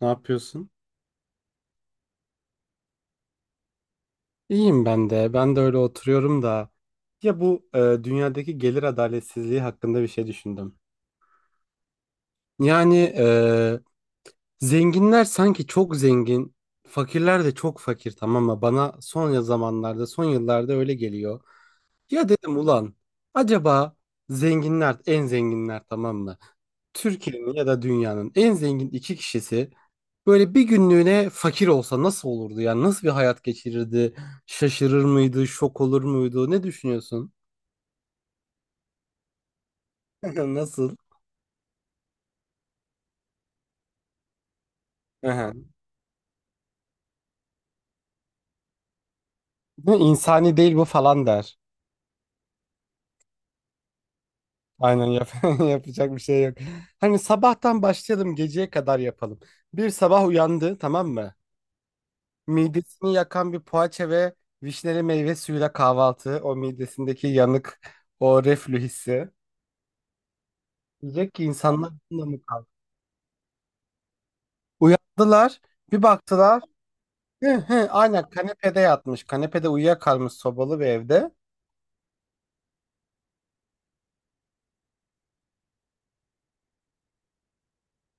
Ne yapıyorsun? İyiyim ben de. Ben de öyle oturuyorum da. Ya bu dünyadaki gelir adaletsizliği hakkında bir şey düşündüm. Yani, zenginler sanki çok zengin, fakirler de çok fakir, tamam mı? Bana son zamanlarda, son yıllarda öyle geliyor. Ya dedim ulan, acaba zenginler, en zenginler tamam mı? Türkiye'nin ya da dünyanın en zengin iki kişisi böyle bir günlüğüne fakir olsa nasıl olurdu? Yani nasıl bir hayat geçirirdi? Şaşırır mıydı? Şok olur muydu? Ne düşünüyorsun? Nasıl? Aha. Bu insani değil bu falan der. Aynen yap yapacak bir şey yok. Hani sabahtan başlayalım, geceye kadar yapalım. Bir sabah uyandı tamam mı? Midesini yakan bir poğaça ve vişneli meyve suyuyla kahvaltı. O midesindeki yanık, o reflü hissi. Diyecek ki insanlar bununla mı kaldı? Uyandılar, bir baktılar. Hı hı, aynen kanepede yatmış. Kanepede uyuyakalmış sobalı bir evde.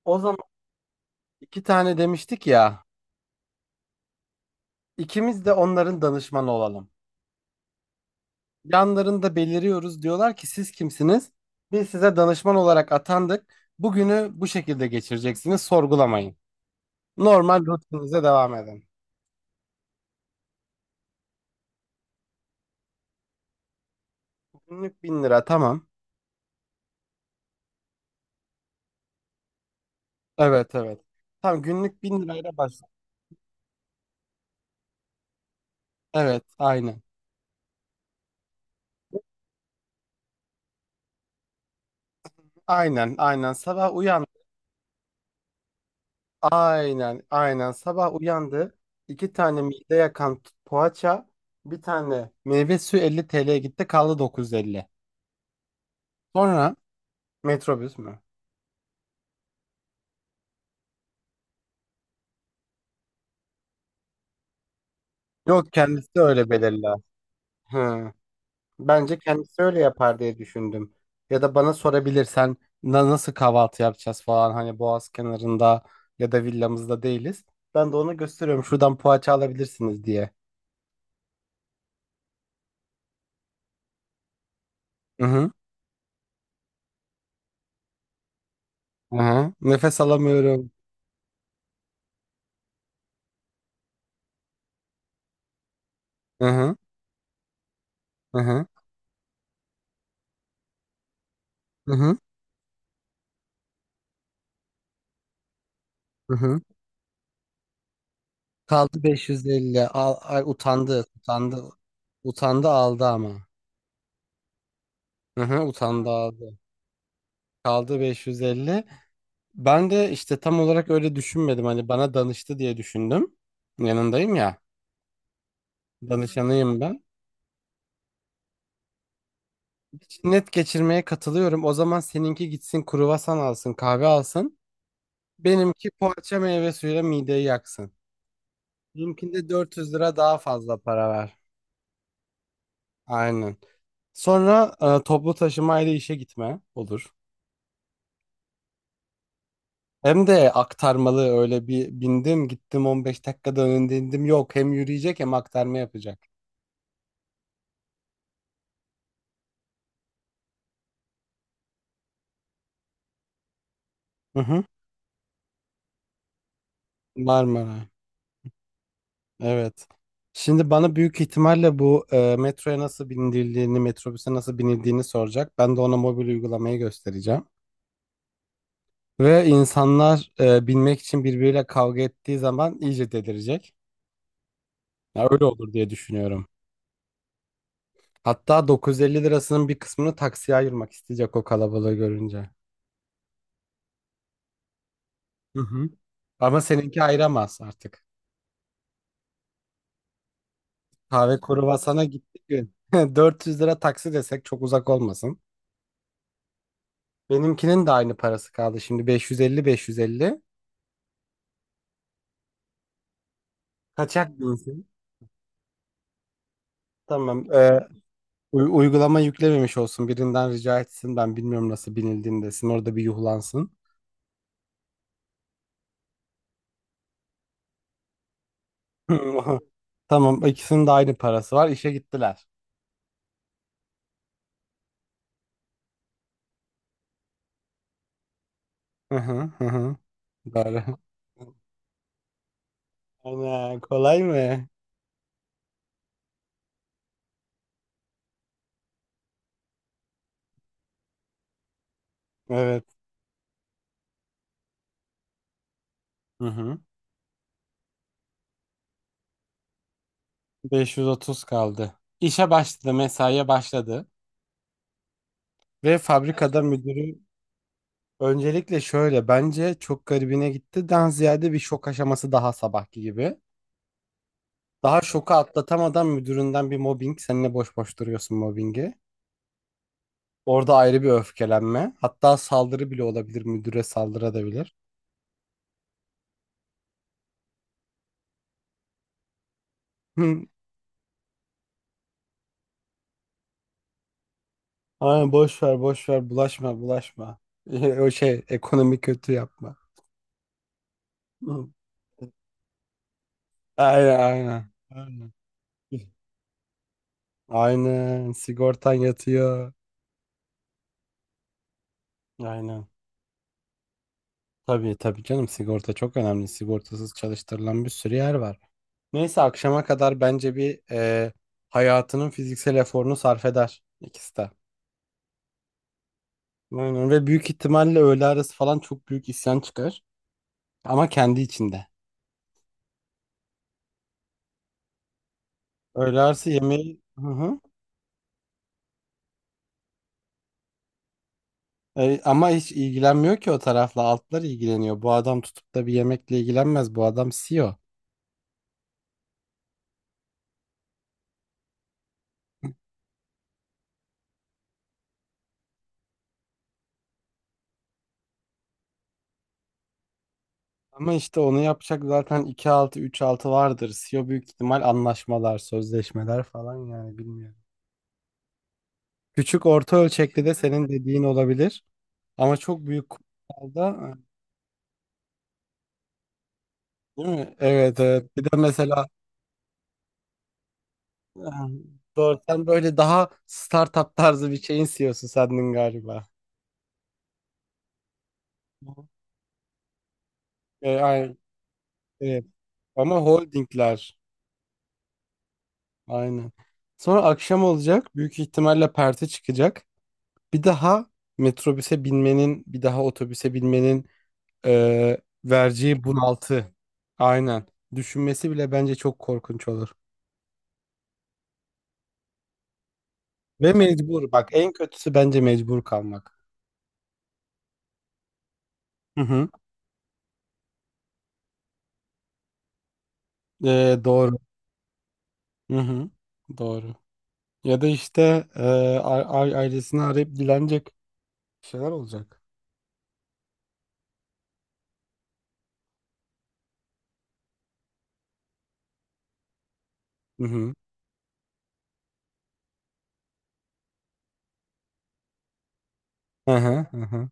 O zaman iki tane demiştik ya. İkimiz de onların danışmanı olalım. Yanlarında beliriyoruz. Diyorlar ki siz kimsiniz? Biz size danışman olarak atandık. Bugünü bu şekilde geçireceksiniz. Sorgulamayın. Normal rutininize devam edin. Günlük 1.000 lira tamam. Evet evet. Tamam, günlük bin lirayla başla. Evet aynen. Aynen aynen sabah uyandı. Aynen aynen sabah uyandı. İki tane mide yakan poğaça. Bir tane meyve suyu 50 TL'ye gitti, kaldı 950. Sonra metrobüs mü? Yok, kendisi öyle belirler. Hı. Bence kendisi öyle yapar diye düşündüm. Ya da bana sorabilirsen, nasıl kahvaltı yapacağız" falan, hani Boğaz kenarında ya da villamızda değiliz. Ben de ona gösteriyorum şuradan poğaça alabilirsiniz diye. Hı hı. Hı hı. Nefes alamıyorum. Hı hı. Hı hı. Hı hı. Hı hı. Kaldı 550. Al, ay, utandı. Utandı. Utandı aldı ama. Hı hı, utandı aldı. Kaldı 550. Ben de işte tam olarak öyle düşünmedim. Hani bana danıştı diye düşündüm. Yanındayım ya. Danışanıyım ben. Hiç net geçirmeye katılıyorum. O zaman seninki gitsin kruvasan alsın, kahve alsın. Benimki poğaça meyve suyuyla mideyi yaksın. Benimkinde 400 lira daha fazla para ver. Aynen. Sonra toplu taşımayla işe gitme olur. Hem de aktarmalı, öyle bir bindim gittim 15 dakikada önünde indim. Yok, hem yürüyecek hem aktarma yapacak. Hı hı. Marmara. Evet. Şimdi bana büyük ihtimalle bu metroya nasıl binildiğini, metrobüse nasıl binildiğini soracak. Ben de ona mobil uygulamayı göstereceğim. Ve insanlar binmek için birbiriyle kavga ettiği zaman iyice delirecek. Ya öyle olur diye düşünüyorum. Hatta 950 lirasının bir kısmını taksiye ayırmak isteyecek o kalabalığı görünce. Hı hı. Ama seninki ayıramaz artık. Kahve kuruvasana gittik gün. 400 lira taksi desek çok uzak olmasın. Benimkinin de aynı parası kaldı, şimdi beş beş yüz elli beş yüz 550. Kaçak binsin. Tamam. Uygulama yüklememiş olsun. Birinden rica etsin. Ben bilmiyorum nasıl binildiğini desin. Orada bir yuhlansın. Tamam. ikisinin de aynı parası var. İşe gittiler. Hı hı hı. Hı. Doğru. Ana, kolay mı? Evet. Hı hı. 530 kaldı. İşe başladı, mesaiye başladı. Ve fabrikada müdürü öncelikle şöyle, bence çok garibine gitti. Daha ziyade bir şok aşaması, daha sabahki gibi. Daha şoku atlatamadan müdüründen bir mobbing. Seninle boş boş duruyorsun mobbingi. Orada ayrı bir öfkelenme. Hatta saldırı bile olabilir. Müdüre saldırabilir. Hı. Aynen boş ver boş ver, bulaşma bulaşma. O şey, ekonomi kötü, yapma. Hı. Aynen aynen. Aynen. Aynen sigortan yatıyor. Aynen. Tabii tabii canım, sigorta çok önemli. Sigortasız çalıştırılan bir sürü yer var. Neyse, akşama kadar bence bir hayatının fiziksel eforunu sarf eder ikisi de. Aynen. Ve büyük ihtimalle öğle arası falan çok büyük isyan çıkar. Ama kendi içinde. Öğle arası yemeği... Hı hı. E, ama hiç ilgilenmiyor ki o tarafla. Altlar ilgileniyor. Bu adam tutup da bir yemekle ilgilenmez. Bu adam CEO. Ama işte onu yapacak zaten iki altı üç altı vardır. CEO büyük ihtimal anlaşmalar, sözleşmeler falan, yani bilmiyorum. Küçük orta ölçekli de senin dediğin olabilir. Ama çok büyük kurumsalda, değil mi? Evet evet. Bir de mesela, e, doğru, sen böyle daha startup tarzı bir şeyin CEO'su sendin galiba. E, ay- evet. Ama holdingler. Aynen. Sonra akşam olacak. Büyük ihtimalle perte çıkacak. Bir daha metrobüse binmenin, bir daha otobüse binmenin e, vereceği bunaltı. Aynen. Düşünmesi bile bence çok korkunç olur. Ve mecbur. Bak, en kötüsü bence mecbur kalmak. Hı hı. E, doğru. Hı hı. Doğru. Ya da işte, ailesini arayıp dilenecek şeyler olacak. Hı hı. Hı hı. Hı hı.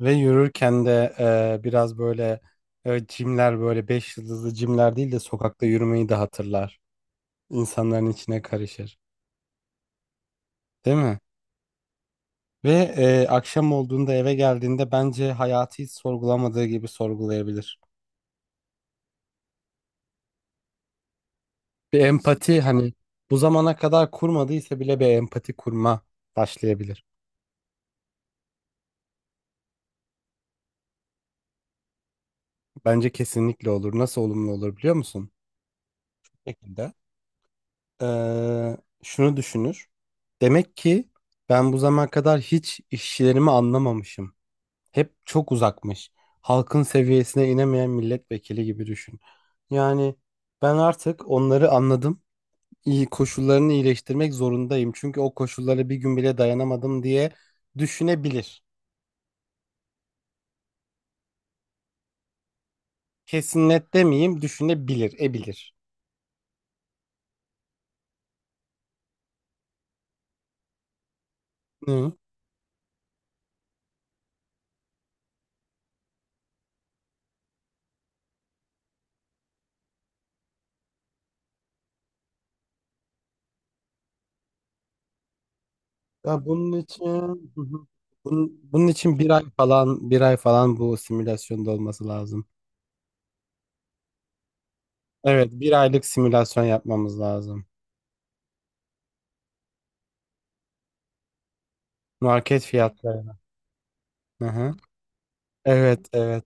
Ve yürürken de biraz böyle cimler, böyle beş yıldızlı cimler değil de sokakta yürümeyi de hatırlar. İnsanların içine karışır. Değil mi? Ve akşam olduğunda eve geldiğinde bence hayatı hiç sorgulamadığı gibi sorgulayabilir. Bir empati, hani bu zamana kadar kurmadıysa bile bir empati kurma başlayabilir. Bence kesinlikle olur. Nasıl olumlu olur biliyor musun? Bu şekilde. eee, Şunu düşünür. Demek ki ben bu zamana kadar hiç işçilerimi anlamamışım. Hep çok uzakmış. Halkın seviyesine inemeyen milletvekili gibi düşün. Yani ben artık onları anladım. İyi koşullarını iyileştirmek zorundayım. Çünkü o koşullara bir gün bile dayanamadım diye düşünebilir. Kesin net demeyeyim, düşünebilir, ebilir. Hı. Ya bunun için, hı hı, bunun için 1 ay falan, 1 ay falan bu simülasyonda olması lazım. Evet, 1 aylık simülasyon yapmamız lazım. Market fiyatları. Hı hı. Evet, evet.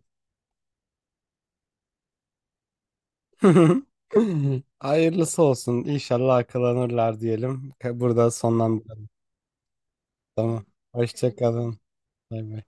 Hayırlısı olsun. İnşallah akılanırlar diyelim. Burada sonlandıralım. Tamam. Hoşça kalın. Bay bay.